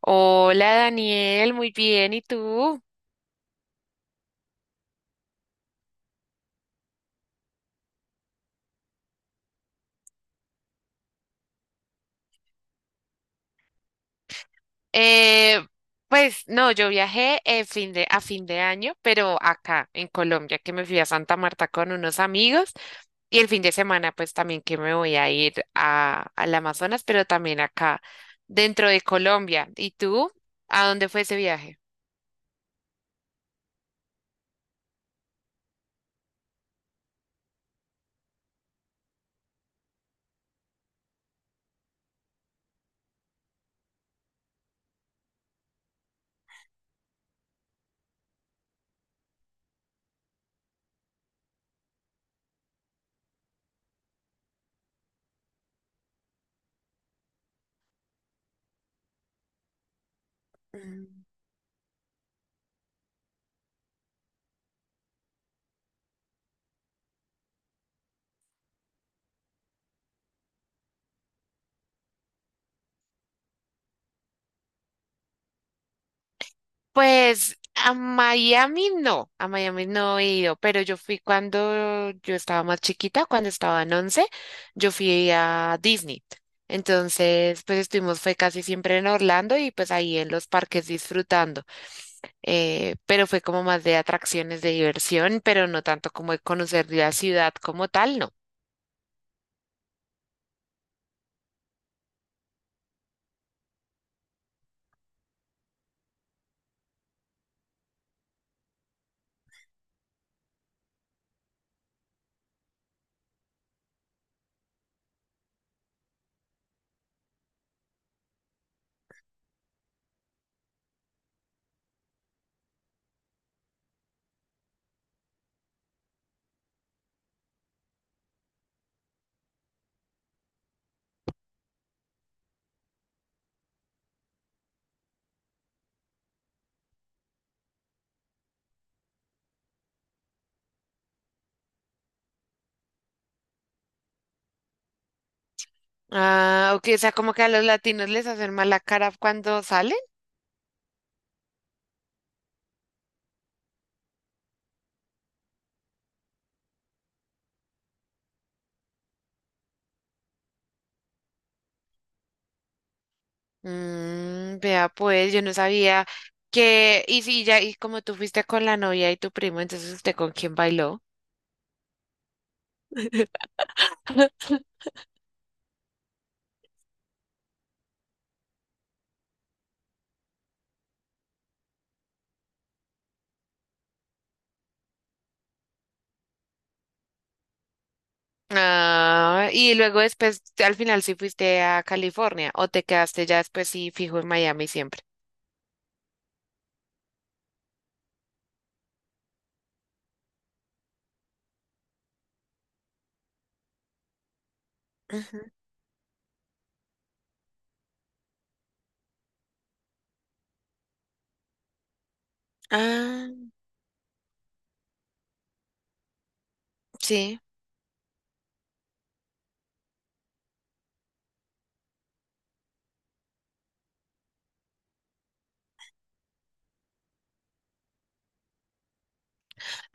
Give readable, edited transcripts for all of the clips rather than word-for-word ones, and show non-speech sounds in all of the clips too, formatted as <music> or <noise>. Hola Daniel, muy bien, ¿y tú? Eh, pues no, yo viajé a fin de año, pero acá en Colombia, que me fui a Santa Marta con unos amigos y el fin de semana pues también que me voy a ir al Amazonas, pero también acá dentro de Colombia. ¿Y tú? ¿A dónde fue ese viaje? Mm. Pues a Miami no he ido, pero yo fui cuando yo estaba más chiquita, cuando estaba en 11, yo fui a Disney. Entonces, pues estuvimos, fue casi siempre en Orlando y pues ahí en los parques disfrutando. Pero fue como más de atracciones de diversión, pero no tanto como de conocer la ciudad como tal, no. Ah, ok, o sea, como que a los latinos les hacen mala cara cuando salen. Mm, vea pues, yo no sabía que, y si ya, y como tú fuiste con la novia y tu primo, entonces usted con quién bailó. Ah, y luego después, al final sí fuiste a California o te quedaste ya después sí fijo en Miami siempre. Ujú. Ah, sí.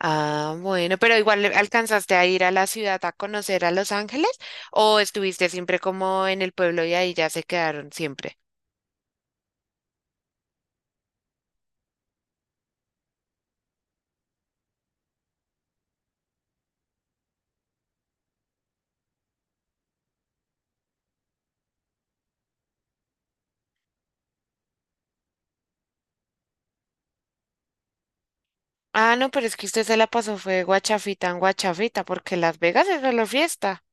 Ah, bueno, pero igual alcanzaste a ir a la ciudad a conocer a Los Ángeles o estuviste siempre como en el pueblo y ahí ya se quedaron siempre. Ah, no, pero es que usted se la pasó, fue guachafita en guachafita, porque Las Vegas es solo fiesta.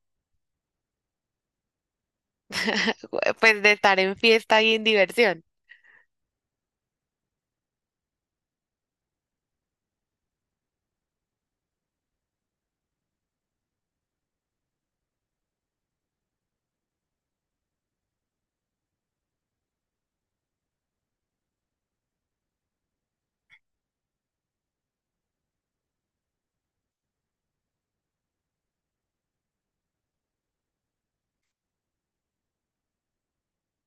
<laughs> Pues de estar en fiesta y en diversión.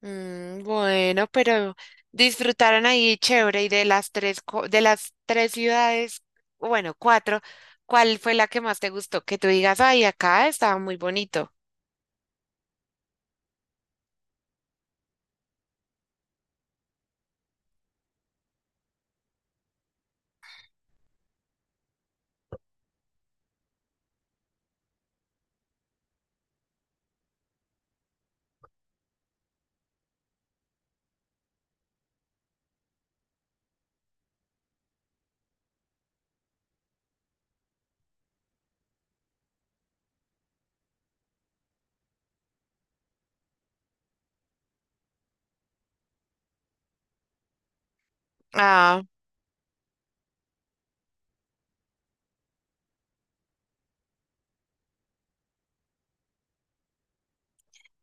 Mm, bueno, pero disfrutaron ahí chévere y de las tres, de las tres ciudades, bueno, cuatro, ¿cuál fue la que más te gustó? Que tú digas, ay, acá estaba muy bonito.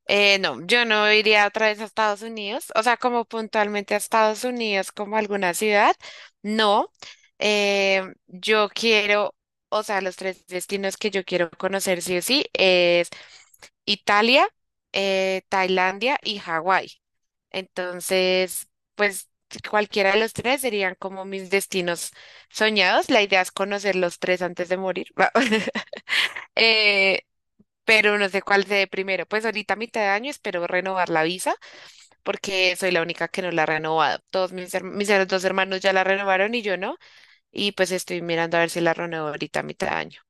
No, yo no iría otra vez a Estados Unidos, o sea, como puntualmente a Estados Unidos, como alguna ciudad, no. Yo quiero, o sea, los tres destinos que yo quiero conocer sí o sí es Italia, Tailandia y Hawái. Entonces, pues cualquiera de los tres serían como mis destinos soñados. La idea es conocer los tres antes de morir. <laughs> Eh, pero no sé cuál sea primero. Pues ahorita a mitad de año espero renovar la visa porque soy la única que no la ha renovado. Todos mis, dos hermanos ya la renovaron y yo no, y pues estoy mirando a ver si la renuevo ahorita a mitad de año.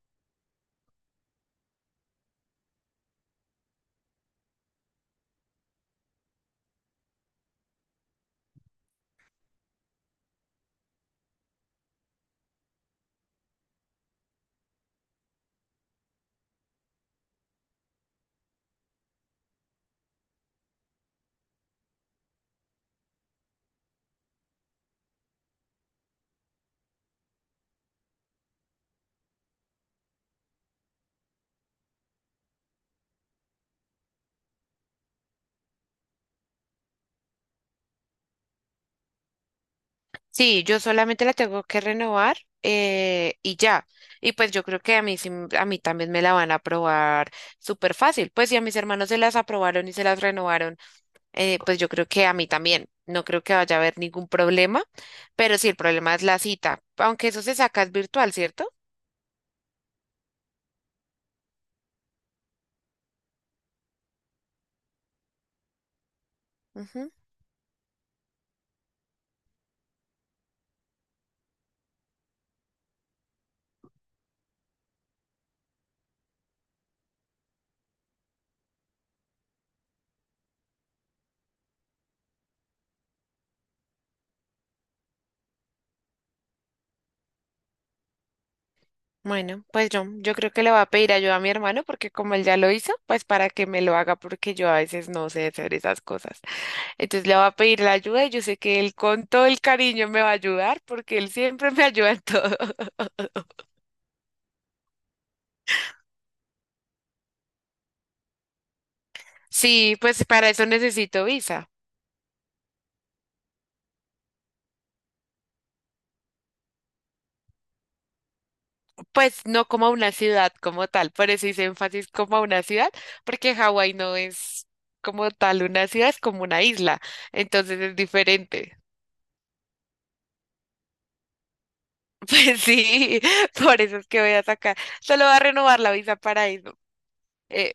Sí, yo solamente la tengo que renovar y ya. Y pues yo creo que a mí, a mí también me la van a aprobar súper fácil. Pues si a mis hermanos se las aprobaron y se las renovaron, pues yo creo que a mí también. No creo que vaya a haber ningún problema, pero sí, el problema es la cita, aunque eso se saca es virtual, ¿cierto? Ujú. Bueno, yo creo que le voy a pedir ayuda a mi hermano porque como él ya lo hizo, pues para que me lo haga porque yo a veces no sé hacer esas cosas. Entonces le voy a pedir la ayuda y yo sé que él con todo el cariño me va a ayudar porque él siempre me <laughs> ayuda en todo. <laughs> Sí, pues para eso necesito visa. Pues no como a una ciudad como tal, por eso hice énfasis como a una ciudad porque Hawái no es como tal una ciudad, es como una isla, entonces es diferente. Pues sí, <laughs> por eso es que voy a sacar. Solo va a renovar la visa para eso. Eh,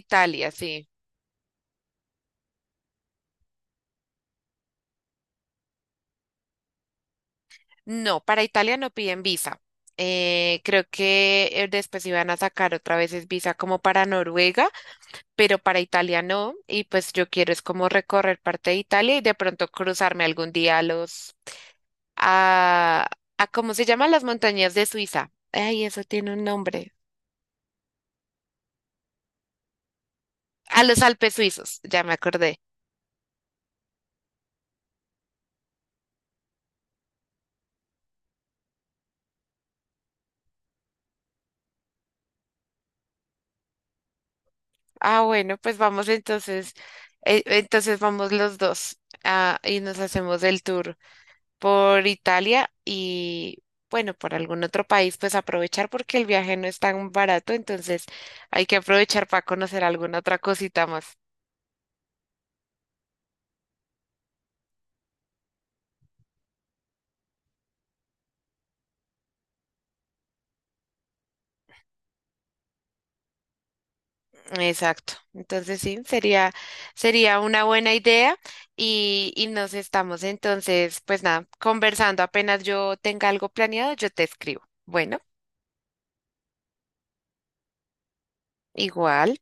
Italia, sí. No, para Italia no piden visa. Creo que después iban a sacar otra vez es visa como para Noruega, pero para Italia no. Y pues yo quiero es como recorrer parte de Italia y de pronto cruzarme algún día a los, a, a ¿cómo se llaman las montañas de Suiza? Ay, eso tiene un nombre. A los Alpes suizos, ya me acordé. Ah, bueno, pues vamos entonces, entonces vamos los dos, ah, y nos hacemos el tour por Italia y bueno, por algún otro país, pues aprovechar porque el viaje no es tan barato, entonces hay que aprovechar para conocer alguna otra cosita más. Exacto. Sería, sería una buena idea y nos estamos entonces, pues nada, conversando. Apenas yo tenga algo planeado, yo te escribo. Bueno, igual.